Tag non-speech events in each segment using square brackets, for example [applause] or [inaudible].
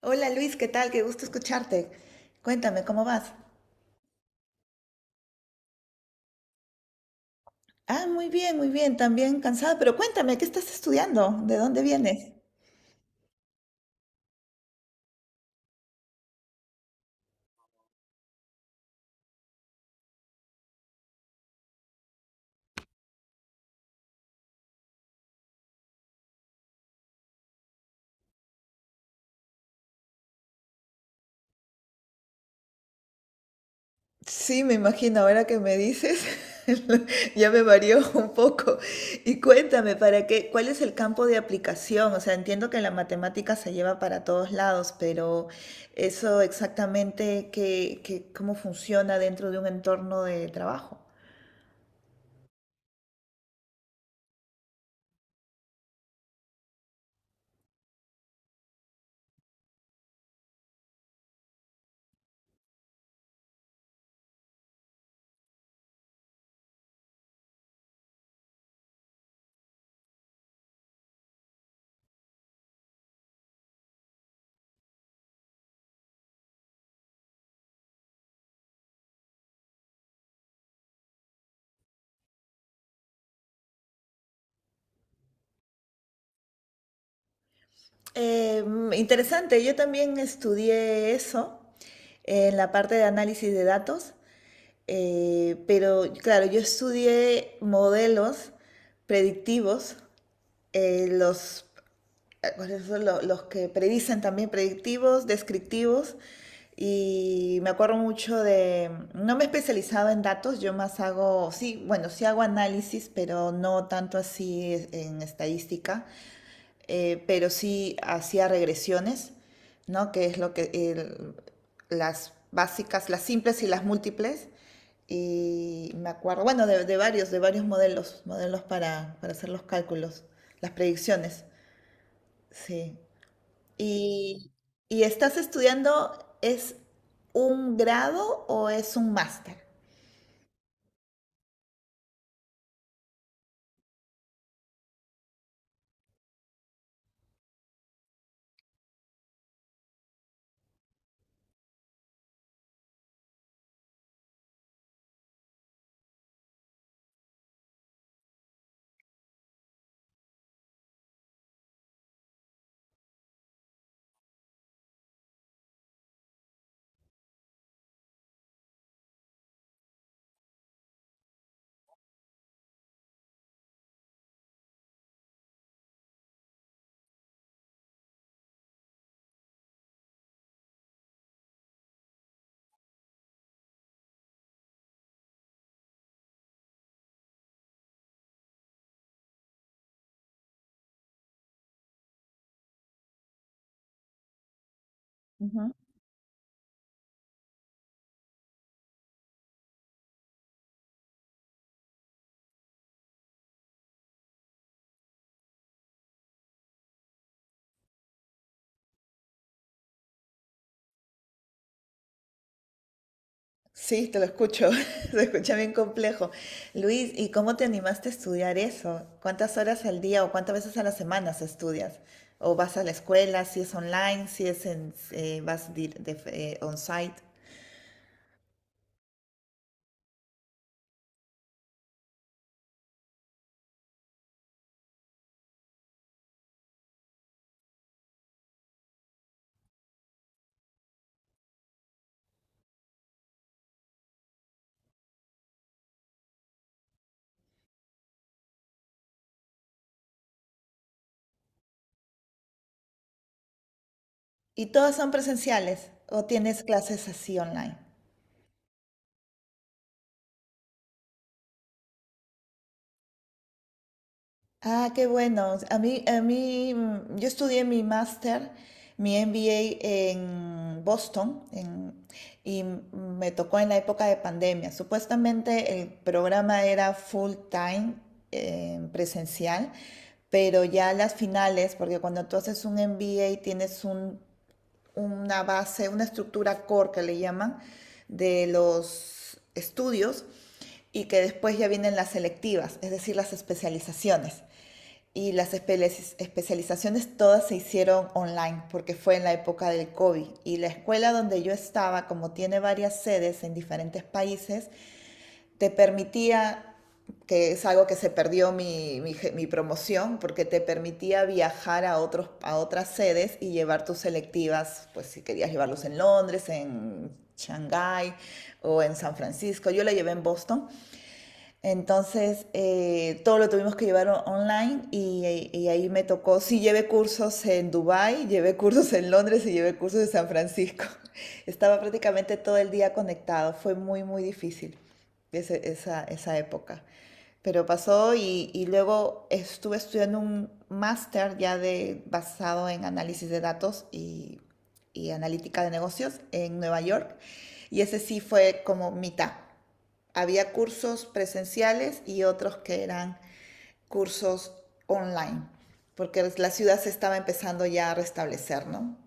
Hola Luis, ¿qué tal? Qué gusto escucharte. Cuéntame, ¿cómo vas? Ah, muy bien, también cansada, pero cuéntame, ¿qué estás estudiando? ¿De dónde vienes? Sí, me imagino, ahora que me dices, [laughs] ya me varió un poco. Y cuéntame, ¿para qué? ¿Cuál es el campo de aplicación? O sea, entiendo que la matemática se lleva para todos lados, pero eso exactamente, ¿cómo funciona dentro de un entorno de trabajo? Eh, Interesante, yo también estudié eso en la parte de análisis de datos, pero claro, yo estudié modelos predictivos, eh, los, ¿cuáles son los que predicen? También predictivos, descriptivos, y me acuerdo mucho de, no me he especializado en datos, yo más hago, sí, bueno, sí hago análisis, pero no tanto así en estadística, pero sí hacía regresiones, ¿no? Que es lo que las básicas, las simples y las múltiples. Y me acuerdo, bueno, de, de varios modelos, modelos para hacer los cálculos, las predicciones. Sí. Y, y estás estudiando, ¿es un grado o es un máster? Ujú. Sí, te lo escucho, [laughs] se escucha bien complejo. Luis, ¿y cómo te animaste a estudiar eso? ¿Cuántas horas al día o cuántas veces a la semana se estudias? ¿O vas a la escuela, si es online, si es en, vas on-site? ¿Y todas son presenciales o tienes clases así online? Ah, qué bueno. Yo estudié mi máster, mi MBA en Boston, y me tocó en la época de pandemia. Supuestamente el programa era full time, presencial, pero ya las finales, porque cuando tú haces un MBA tienes una base, una estructura core que le llaman, de los estudios y que después ya vienen las selectivas, es decir, las especializaciones. Y las especializaciones todas se hicieron online porque fue en la época del COVID. Y la escuela donde yo estaba, como tiene varias sedes en diferentes países, te permitía, que es algo que se perdió mi promoción, porque te permitía viajar a otros, a otras sedes y llevar tus selectivas, pues si querías llevarlos en Londres, en Shanghái o en San Francisco. Yo la llevé en Boston entonces, todo lo tuvimos que llevar online y ahí me tocó, sí llevé cursos en Dubái, llevé cursos en Londres y llevé cursos en San Francisco. [laughs] Estaba prácticamente todo el día conectado, fue muy, muy difícil esa, esa época. Pero pasó y luego estuve estudiando un máster ya de, basado en análisis de datos y analítica de negocios en Nueva York y ese sí fue como mitad. Había cursos presenciales y otros que eran cursos online, porque la ciudad se estaba empezando ya a restablecer, ¿no?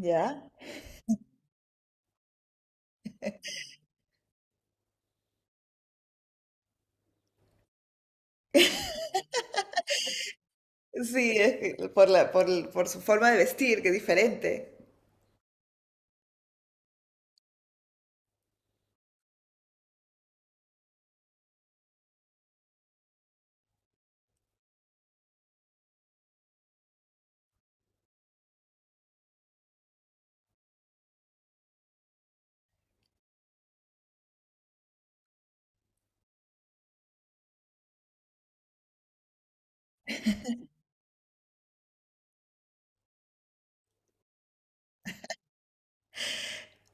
¿Ya? Sí, es que por la, por, por su forma de vestir, que es diferente.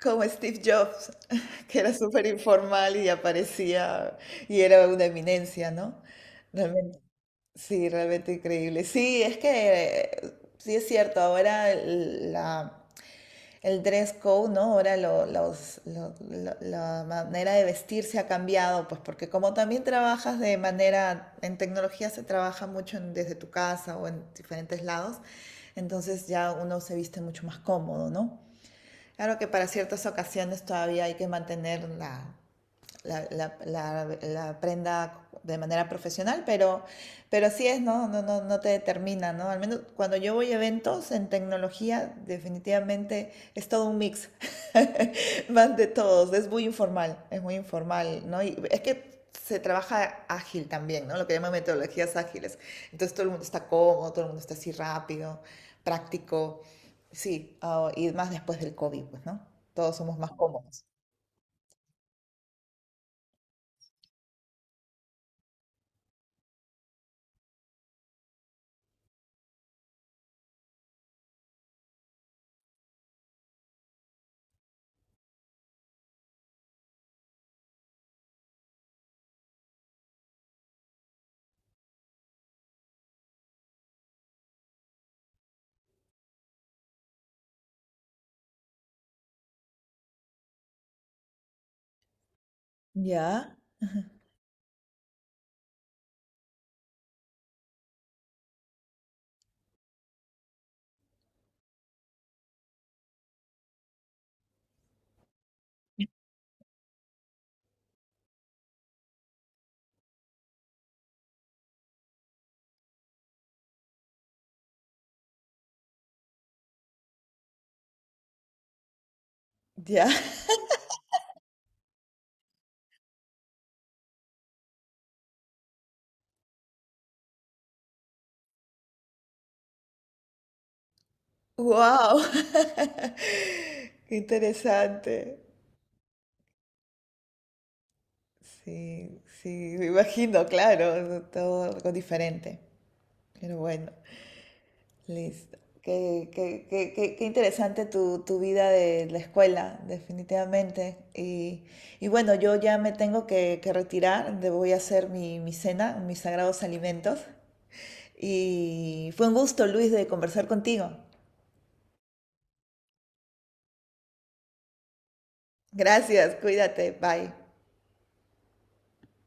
Como Steve Jobs, [laughs] que era súper informal y aparecía y era una eminencia, ¿no? Realmente, sí, realmente increíble. Sí, es que sí es cierto, ahora el dress code, ¿no? Ahora la manera de vestir se ha cambiado, pues porque como también trabajas de manera, en tecnología se trabaja mucho desde tu casa o en diferentes lados, entonces ya uno se viste mucho más cómodo, ¿no? Claro que para ciertas ocasiones todavía hay que mantener la aprenda de manera profesional, pero así es, ¿no? No, no, no te determina, ¿no? Al menos cuando yo voy a eventos en tecnología, definitivamente es todo un mix, [laughs] más de todos, es muy informal, ¿no? Y es que se trabaja ágil también, ¿no? Lo que llaman metodologías ágiles. Entonces todo el mundo está cómodo, todo el mundo está así rápido, práctico, sí, oh, y más después del COVID, pues, ¿no? Todos somos más cómodos. Ya, ya. Wow, [laughs] qué interesante. Sí, sí, me imagino, claro, todo algo diferente. Pero bueno, listo. ¿Qué interesante tu, tu vida de la escuela, definitivamente? Y bueno, yo ya me tengo que retirar, voy a hacer mi, mi cena, mis sagrados alimentos. Y fue un gusto, Luis, de conversar contigo. Gracias, cuídate, bye.